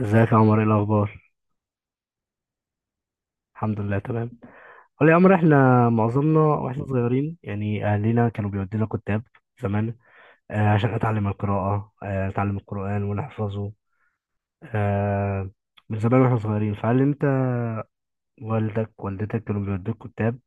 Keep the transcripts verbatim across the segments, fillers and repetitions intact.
ازيك يا عمر؟ ايه الاخبار؟ الحمد لله، تمام. قول لي يا عمر، احنا معظمنا واحنا صغيرين يعني اهلنا كانوا بيودينا كتاب زمان. آه، عشان اتعلم القراءه، آه، اتعلم القران ونحفظه. آه، من زمان واحنا صغيرين، فهل انت والدك والدتك كانوا بيودوك كتاب؟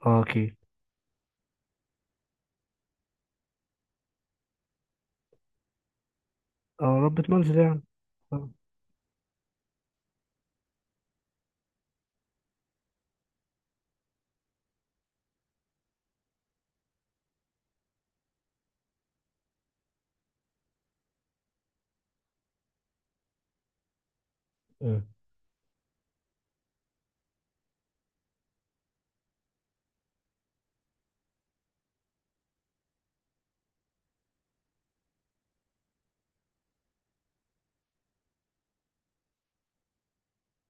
اه، اوكي. اه، ربة منزل يعني. اه. مم.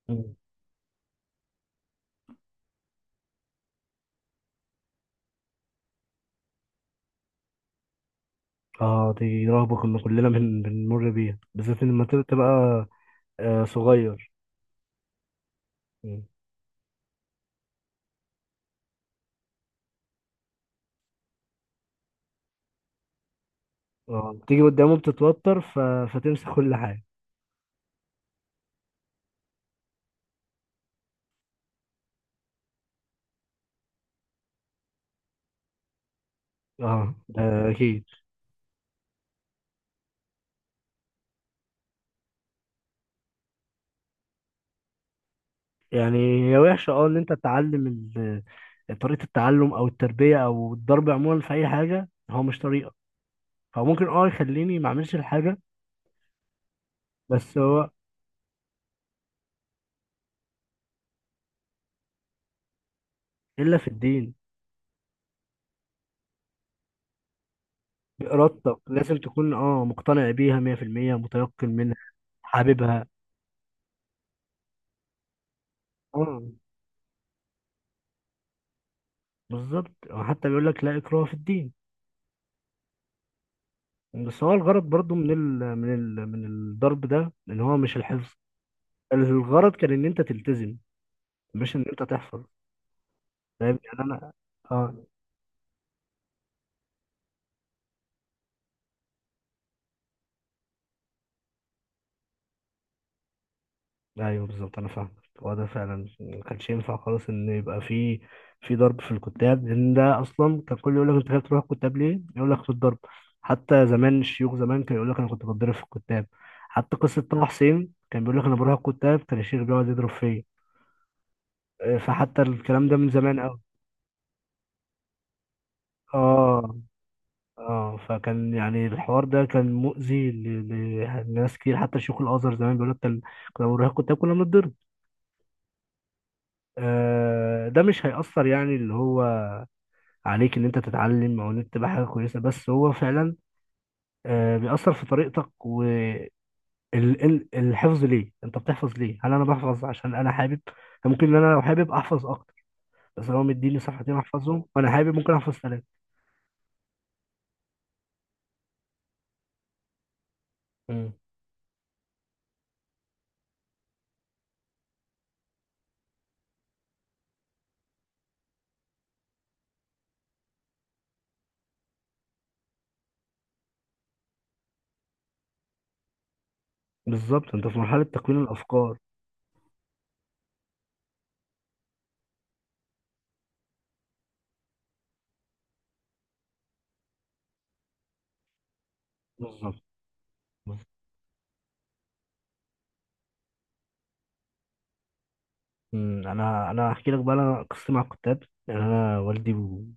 مم. آه، دي رهبه كنا كلنا بن- بنمر بيها، بالذات لما تبقى تبقى، آه، صغير. مم. اه، تيجي قدامه بتتوتر ف... فتمسك كل حاجه. اه، ده اكيد. يعني هي وحشه، اه ان انت تعلم ال- طريقه التعلم او التربيه او الضرب عموما في اي حاجه، هو مش طريقه. هو ممكن اه يخليني ما اعملش الحاجه. بس هو الا في الدين. بارادتك لازم تكون اه مقتنع بيها مية في المية، متيقن منها، حاببها. اه، بالظبط. هو حتى بيقول لك لا اكراه في الدين. بس هو الغرض برضو من ال من ال من الضرب ده، ان هو مش الحفظ. الغرض كان ان انت تلتزم، مش ان انت تحفظ. فاهم يعني انا. اه، ايوه، بالظبط. انا فاهم. هو ده فعلا ما كانش ينفع خالص ان يبقى في في ضرب في الكتاب، لان ده اصلا كان كل يقول لك انت خايف تروح الكتاب ليه، يقول لك في الضرب. حتى زمان الشيوخ زمان كان يقول لك انا كنت بتضرب في الكتاب. حتى قصه طه حسين كان بيقول لك انا بروح الكتاب كان الشيخ بيقعد يضرب فيا. إيه، فحتى الكلام ده من زمان قوي. اه. اه، فكان يعني الحوار ده كان مؤذي ل- ل- لناس كتير. حتى شيوخ الازهر زمان بيقول لك كان كنا بنروح الكتاب كنا بنتضرب. آه، ده مش هيأثر يعني اللي هو عليك ان انت تتعلم او ان انت تبقى حاجه كويسه. بس هو فعلا آه، بيأثر في طريقتك والحفظ. ليه انت بتحفظ؟ ليه؟ هل انا بحفظ عشان انا حابب؟ ممكن ان انا لو حابب احفظ اكتر. بس هو مديني صفحتين احفظهم، وانا حابب ممكن احفظ ثلاثه. مم. بالظبط، انت في مرحله تكوين الافكار. بالظبط. بالظبط. مم، انا انا هحكي لك بقى انا قصتي مع الكتاب. يعني انا والدي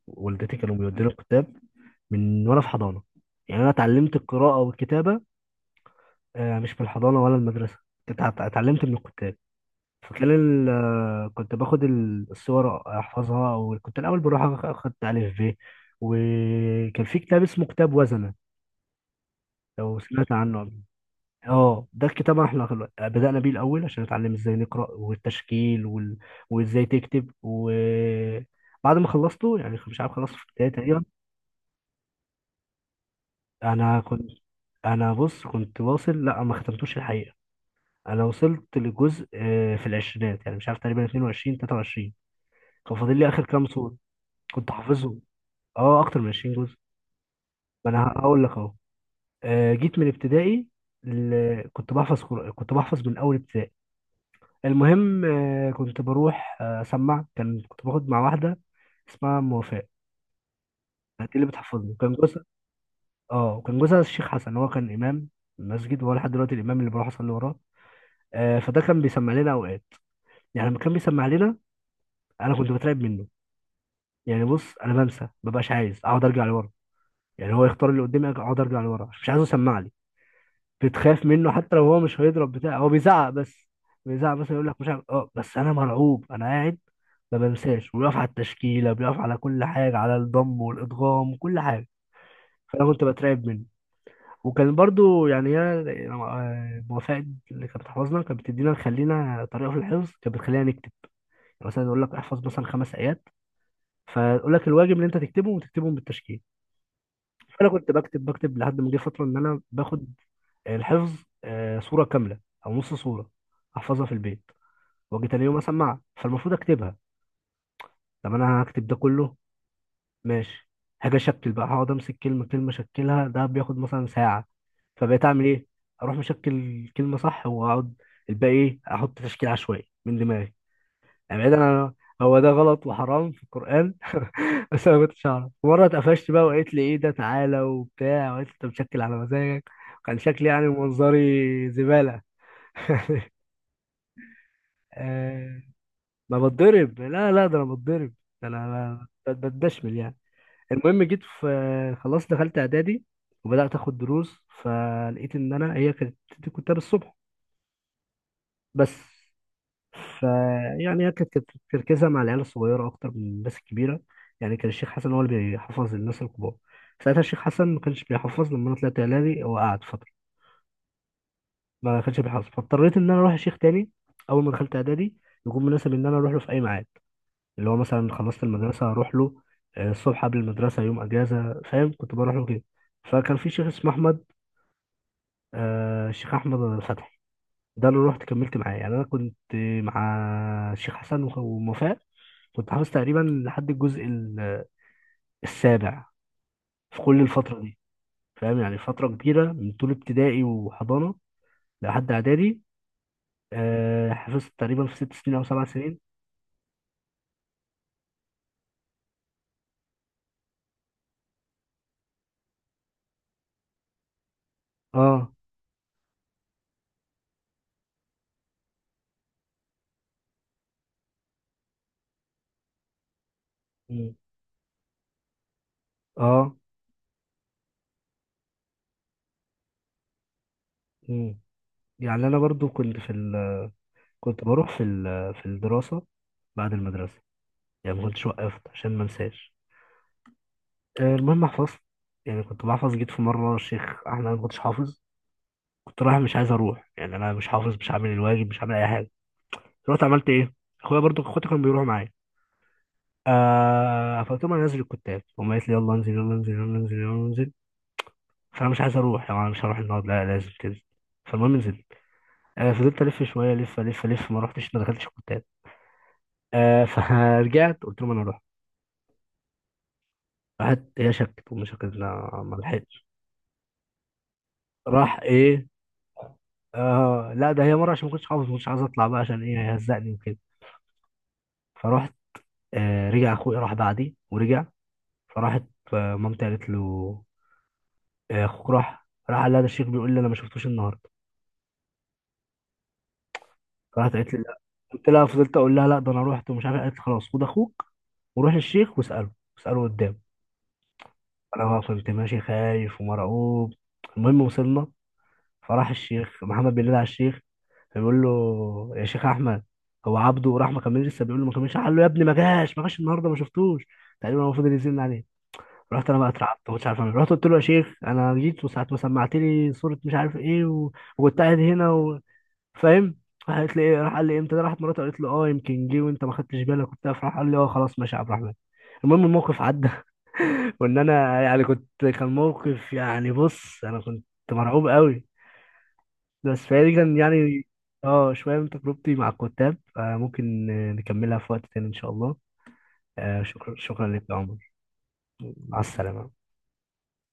ووالدتي كانوا بيودوني الكتاب من وانا في حضانه. يعني انا اتعلمت القراءه والكتابه آه، مش في الحضانة ولا المدرسة، اتع- اتعلمت من الكتاب. في خلال آه، كنت باخد ال- الصور احفظها. وكنت الاول بروح أخ- اخد الف ب. وكان في كتاب اسمه كتاب وزنة، لو سمعت عنه قبل. اه، ده الكتاب احنا خل- بدأنا بيه الاول عشان نتعلم ازاي نقرأ والتشكيل وال... وازاي تكتب. وبعد ما خلصته يعني مش عارف خلصته في البداية تقريبا. انا كنت، انا بص كنت واصل، لا ما ختمتوش الحقيقة. انا وصلت لجزء آه، في العشرينات يعني مش عارف، تقريبا اتنين وعشرين تلاتة وعشرين. كان فاضل لي اخر كام سورة. كنت حافظهم. اه، اكتر من عشرين جزء. ما انا هقول لك اهو. آه، جيت من ابتدائي. ل- كنت بحفظ، قر- كنت بحفظ من اول ابتدائي. المهم آه، كنت بروح آه، اسمع. كان كنت باخد مع واحده اسمها ام وفاء، كانت اللي بتحفظني. كان جوزها، اه كان جوزها الشيخ حسن. هو كان امام المسجد، وهو لحد دلوقتي الامام اللي بروح اصلي وراه. آه، فده كان بيسمع لنا اوقات. يعني لما كان بيسمع لنا، انا كنت بترعب منه. يعني بص، انا بنسى، مبقاش عايز اقعد ارجع لورا. يعني هو يختار اللي قدامي اقعد ارجع لورا، مش عايزه يسمع لي. بتخاف منه حتى لو هو مش هيضرب بتاع، هو بيزعق بس. بيزعق بس، يقول لك مش عارف اه بس انا مرعوب انا قاعد. ما بنساش. وبيقف على التشكيله، بيقف على كل حاجه، على الضم والادغام، كل حاجه. فانا كنت بترعب منه. وكان برضو يعني هي آه، موافقة. اللي كانت بتحفظنا كانت بتدينا، نخلينا طريقه في الحفظ، كانت بتخلينا نكتب. يعني مثلا يقول لك احفظ مثلا خمس ايات، فيقول لك الواجب اللي انت تكتبه وتكتبهم بالتشكيل. فانا كنت بكتب بكتب لحد ما جه فتره ان انا باخد الحفظ آه، صوره كامله او نص صوره، احفظها في البيت واجي تاني يوم اسمعها. فالمفروض اكتبها. طب انا هكتب ده كله، ماشي. هاجي اشكل بقى، هقعد امسك كلمه كلمه اشكلها، ده بياخد مثلا ساعه. فبقيت اعمل ايه، اروح مشكل كلمه صح واقعد الباقي ايه، احط تشكيل عشوائي من دماغي. يعني بعيدا عن هو ده غلط وحرام في القرآن بس انا ما كنتش اعرف. مرة اتقفشت بقى وقالت لي، ايه ده؟ تعالى وبتاع، وقالت لي انت مشكل على مزاجك. كان شكلي يعني منظري زبالة. آه، ما بتضرب؟ لا، لا، ده انا بتضرب. ده انا ب- ب- بتدشمل يعني. المهم، جيت في، خلاص دخلت اعدادي، وبدأت اخد دروس. فلقيت ان انا هي كانت بتدي كتاب الصبح بس. فيعني هي كانت كانت تركيزها مع العيال الصغيرة أكتر من الناس الكبيرة. يعني كان الشيخ حسن هو اللي بيحفظ الناس الكبار. ساعتها الشيخ حسن ما كانش بيحفظ، لما أنا طلعت إعدادي هو قعد فترة ما كانش بيحفظ. فاضطريت إن أنا أروح لشيخ تاني أول ما دخلت إعدادي، يكون مناسب إن أنا أروح له في أي ميعاد. اللي هو مثلا خلصت المدرسة هروح له، آه، الصبح قبل المدرسة، يوم أجازة، فاهم، كنت بروح له كده. فكان في شيخ اسمه أحمد، آه، الشيخ أحمد فتحي، ده اللي رحت كملت معاه. يعني انا كنت مع الشيخ حسن وخ- ووفاء كنت حافظ تقريبا لحد الجزء ال- السابع، في كل الفتره دي. فاهم، يعني فتره كبيره من طول ابتدائي وحضانه لحد اعدادي. آه، حفظت تقريبا في ست سنين او سبع سنين. اه. مم. اه. مم. يعني انا برضو كنت في ال... كنت بروح في ال... في الدراسه بعد المدرسه. يعني ما كنتش وقفت عشان ما انساش. آه، المهم حفظت. يعني كنت بحفظ. جيت في مره الشيخ احمد أنا ما كنتش حافظ، كنت رايح مش عايز اروح. يعني انا مش حافظ، مش عامل الواجب، مش عامل اي حاجه. رحت عملت ايه، اخويا برضو اخواتي كانوا بيروحوا معايا. آه، فقلت لهم انا نازل الكتاب. هم قالت لي يلا انزل يلا انزل يلا انزل يلا انزل، فانا مش عايز اروح. يعني انا مش هروح النهارده، لا لازم تنزل. فالمهم نزلت. آه، فضلت الف شويه، الف الف الف ما رحتش ما دخلتش الكتاب. آه، فرجعت قلت لهم انا اروح. راحت هي شكت، امي شكت لا ما لحقتش. راح ايه. آه، لا، ده هي مره عشان ما كنتش حافظ ما كنتش عايز اطلع بقى، عشان ايه هيهزقني وكده. فرحت. آه، رجع اخويا راح بعدي ورجع. فراحت، آه، مامتي قالت له آه، اخوك راح. راح قال لها ده الشيخ بيقول لي انا ما شفتوش النهارده. فراحت قالت لي لا. قلت لها، فضلت اقول لها لا ده انا رحت ومش عارف إيه. قالت لي خلاص، خد اخوك وروح للشيخ واساله، اساله قدام. انا بقى كنت ماشي خايف ومرعوب. المهم وصلنا. فراح الشيخ محمد بينادي على الشيخ، فبيقول له يا شيخ احمد، هو عبده راح؟ ما كملش لسه؟ بيقول له ما كملش. قال له يا ابني ما جاش، ما جاش النهارده، ما شفتوش. تقريبا هو فضل يزن عليه. رحت انا بقى اترعبت مش عارف اعمل إيه. رحت قلت له يا شيخ انا جيت وساعه ما سمعت لي صوره مش عارف ايه و... وكنت قاعد هنا و... فاهم. راح قالت لي ايه، راح قال لي امتى ده، راحت مراته قالت له اه يمكن جه وانت ما خدتش بالك وبتاع، فراح قال لي اه خلاص ماشي يا عبد الرحمن. المهم الموقف عدى. وان انا يعني كنت، كان موقف، يعني بص انا كنت مرعوب قوي. بس فدي كان يعني اه، شويه من تجربتي مع الكتاب. آه، ممكن آه، نكملها في وقت تاني ان شاء الله. آه، شكرا شكرا لك يا عمر. مع السلامه.